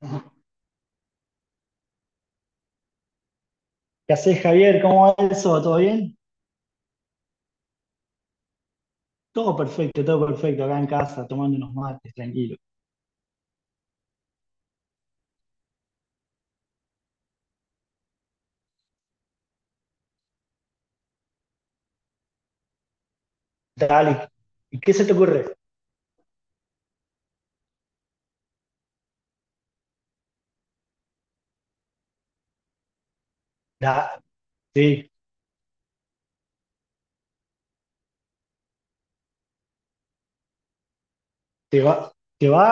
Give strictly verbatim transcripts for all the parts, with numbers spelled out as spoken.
¿Qué haces, Javier? ¿Cómo va eso? ¿Todo bien? Todo perfecto, todo perfecto, acá en casa, tomando unos mates, tranquilo. Dale, ¿y qué se te ocurre? Da, sí, te va, te va,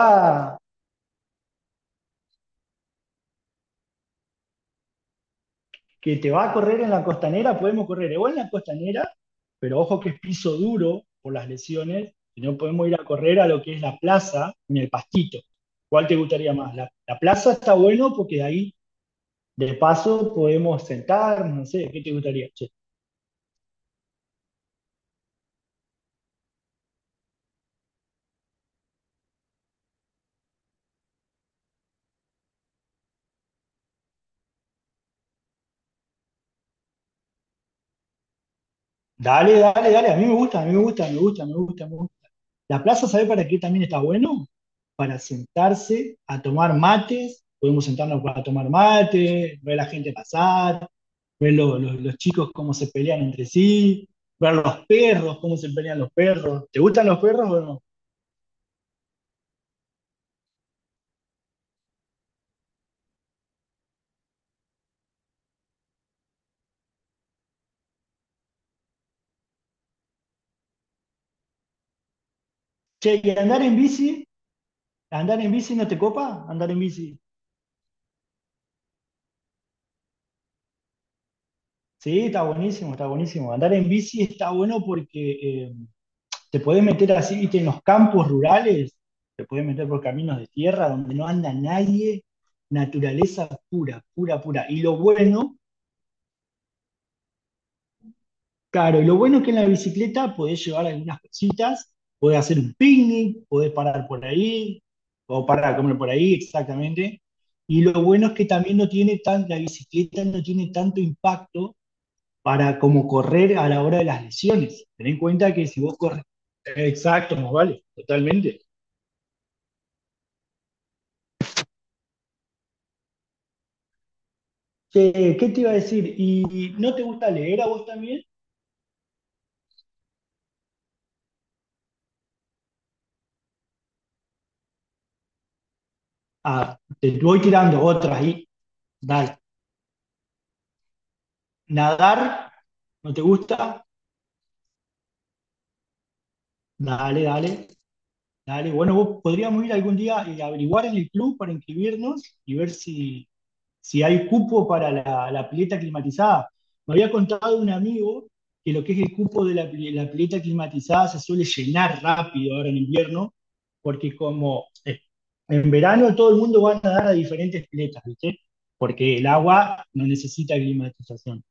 que te va a correr en la costanera, podemos correr o en la costanera, pero ojo que es piso duro por las lesiones, y no podemos ir a correr a lo que es la plaza ni el pastito. ¿Cuál te gustaría más? La, la plaza está bueno porque de ahí, de paso, podemos sentarnos, no sé, ¿qué te gustaría? Dale, dale, dale, a mí me gusta, a mí me gusta, me gusta, me gusta, me gusta. La plaza, ¿sabés para qué también está bueno? Para sentarse a tomar mates, podemos sentarnos para tomar mate, ver a la gente pasar, ver lo- lo- los chicos cómo se pelean entre sí, ver los perros, cómo se pelean los perros. ¿Te gustan los perros o no? Che, y andar en bici, andar en bici no te copa, andar en bici. Sí, está buenísimo, está buenísimo. Andar en bici está bueno porque eh, te podés meter así, viste, en los campos rurales, te podés meter por caminos de tierra donde no anda nadie, naturaleza pura, pura, pura. Y lo bueno, claro, y lo bueno es que en la bicicleta podés llevar algunas cositas, podés hacer un picnic, podés parar por ahí, o parar a comer por ahí, exactamente. Y lo bueno es que también no tiene tan, la bicicleta no tiene tanto impacto para como correr a la hora de las lesiones. Ten en cuenta que si vos corres, exacto, más vale, totalmente. Che, ¿qué te iba a decir? ¿Y no te gusta leer a vos también? Ah, te voy tirando otras ahí. Dale. ¿Nadar? ¿No te gusta? Dale, dale, dale. Bueno, vos podríamos ir algún día y averiguar en el club para inscribirnos y ver si, si hay cupo para la, la pileta climatizada. Me había contado un amigo que lo que es el cupo de la, la pileta climatizada se suele llenar rápido ahora en invierno porque como eh, en verano todo el mundo va a nadar a diferentes piletas, ¿viste? Porque el agua no necesita climatización.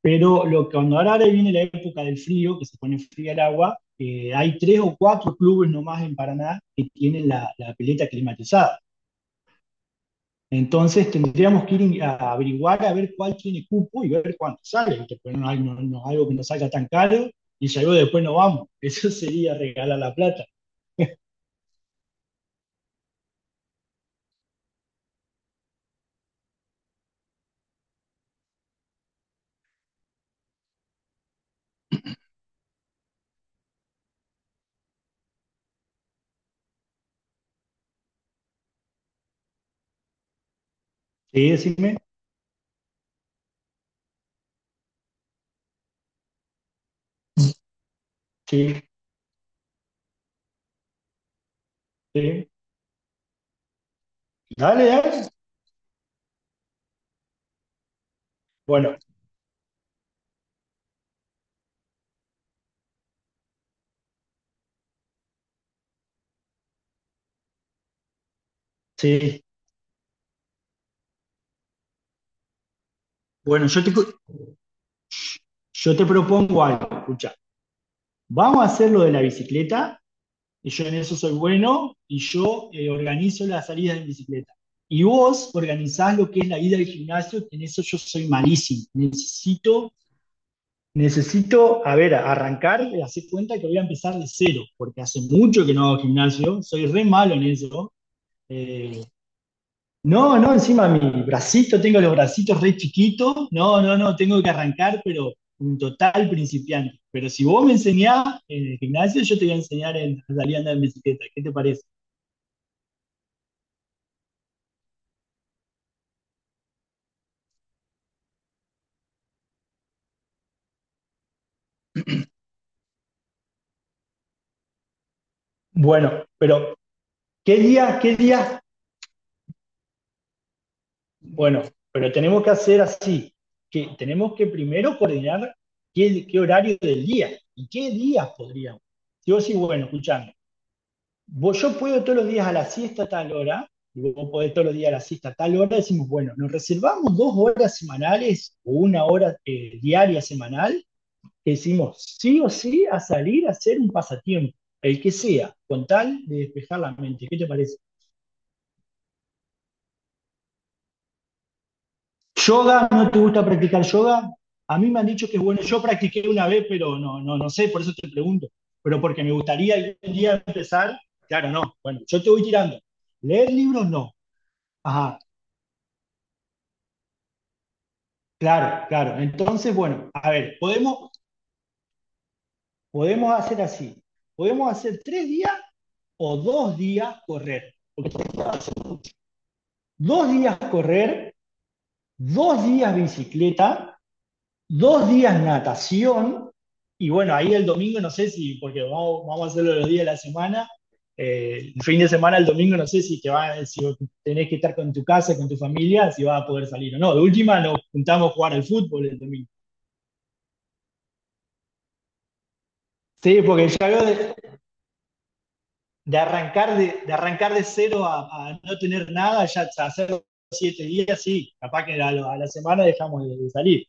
Pero lo que cuando ahora, ahora viene la época del frío, que se pone fría el agua, eh, hay tres o cuatro clubes nomás en Paraná que tienen la, la pileta climatizada. Entonces tendríamos que ir a averiguar a ver cuál tiene cupo y ver cuánto sale, ¿viste? Pero no, hay, no, no es algo que nos salga tan caro y ya luego después no vamos. Eso sería regalar la plata. Sí, decime. Sí, sí. Dale, dale. Bueno, sí. Bueno, yo te, cu- yo te propongo algo, escucha. Vamos a hacer lo de la bicicleta, y yo en eso soy bueno, y yo eh, organizo las salidas en bicicleta. Y vos organizás lo que es la ida al gimnasio, que en eso yo soy malísimo. Necesito, necesito, a ver, arrancar, hacer cuenta que voy a empezar de cero, porque hace mucho que no hago gimnasio, soy re malo en eso. eh, No, no, encima mi bracito, tengo los bracitos re chiquitos. No, no, no, tengo que arrancar, pero un total principiante. Pero si vos me enseñás en el gimnasio, yo te voy a enseñar en a salir a andar en bicicleta. ¿Qué te parece? Bueno, pero ¿qué día? ¿Qué día? Bueno, pero tenemos que hacer así, que tenemos que primero coordinar qué, qué horario del día y qué días podríamos. Si vos decís, bueno, escuchame, vos, yo puedo todos los días a la siesta a tal hora, y vos podés todos los días a la siesta a tal hora, decimos, bueno, nos reservamos dos horas semanales o una hora eh, diaria semanal, que decimos sí o sí a salir a hacer un pasatiempo, el que sea, con tal de despejar la mente. ¿Qué te parece? ¿Yoga? ¿No te gusta practicar yoga? A mí me han dicho que es bueno, yo practiqué una vez, pero no, no, no sé, por eso te pregunto. Pero porque me gustaría algún día empezar, claro, no. Bueno, yo te voy tirando. Leer libros no. Ajá, claro, claro. Entonces, bueno, a ver, podemos, podemos hacer así. Podemos hacer tres días o dos días correr. Porque tres días va a ser mucho. Dos días correr, dos días bicicleta, dos días natación. Y bueno, ahí el domingo no sé si, porque vamos, vamos a hacerlo los días de la semana. Eh, el fin de semana, el domingo, no sé si, te va, si tenés que estar con tu casa, con tu familia, si vas a poder salir o no. De última, nos juntamos a jugar al fútbol el domingo. Sí, porque ya veo, de- de arrancar de, de, arrancar de cero a, a, no tener nada, ya a hacer siete días, sí, capaz que a, a la semana dejamos de, de, salir.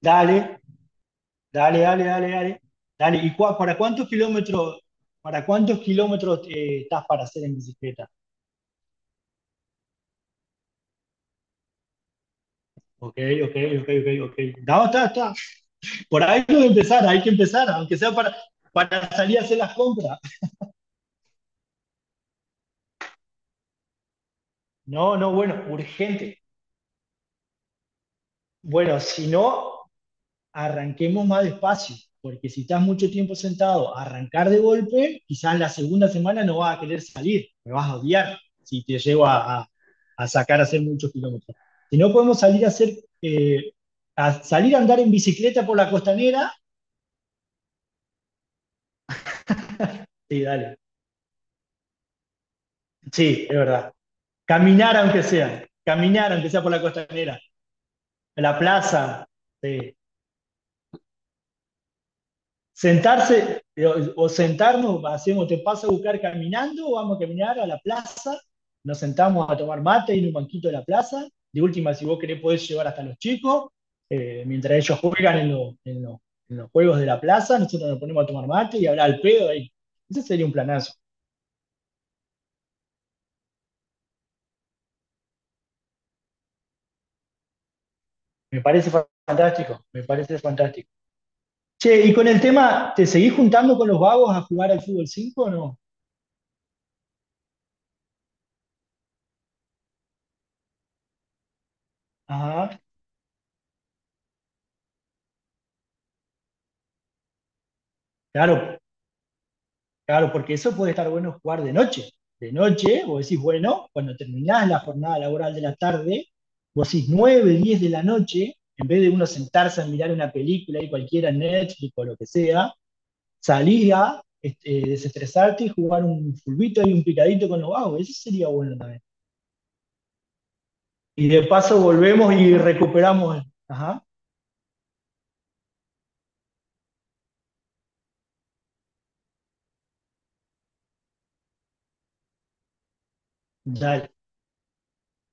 Dale, dale, dale, dale, dale, dale. ¿Y cua, para cuántos kilómetros, para cuántos kilómetros eh, estás para hacer en bicicleta? Ok, ok, ok, ok, ok. No, está, está. Por ahí hay que empezar, hay que empezar, aunque sea para, para salir a hacer las compras. No, no, bueno, urgente. Bueno, si no, arranquemos más despacio, porque si estás mucho tiempo sentado, arrancar de golpe, quizás la segunda semana no vas a querer salir, me vas a odiar si te llevo a, a, a sacar a hacer muchos kilómetros. Si no podemos salir a hacer, eh, a salir a andar en bicicleta por la costanera, sí, dale, sí, es verdad. Caminar aunque sea, caminar aunque sea por la costanera, a la plaza, sí. Sentarse o, o sentarnos, hacemos, te paso a buscar caminando, o vamos a caminar a la plaza, nos sentamos a tomar mate en un banquito de la plaza. De última, si vos querés, podés llevar hasta los chicos, eh, mientras ellos juegan en, lo- en lo- en los juegos de la plaza, nosotros nos ponemos a tomar mate y hablar al pedo ahí. Ese sería un planazo. Me parece fantástico, me parece fantástico. Che, y con el tema, ¿te seguís juntando con los vagos a jugar al fútbol cinco o no? Ajá, claro, claro, porque eso puede estar bueno jugar de noche. De noche, vos decís, bueno, cuando terminás la jornada laboral de la tarde, vos decís nueve, diez de la noche, en vez de uno sentarse a mirar una película y cualquiera, Netflix o lo que sea, salís a este, desestresarte y jugar un fulbito y un picadito con los vagos. Eso sería bueno también. Y de paso volvemos y recuperamos. Ajá, dale.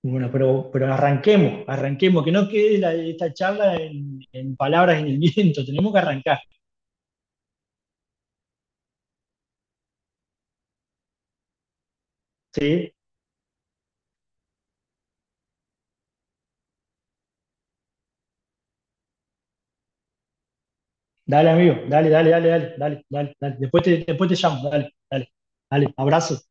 Bueno, pero, pero arranquemos, arranquemos, que no quede la- esta charla en, en palabras en el viento, tenemos que arrancar. ¿Sí? Dale, amigo, dale, dale, dale, dale, dale, dale, dale. Después te, después te llamo, dale, dale, dale. Abrazo.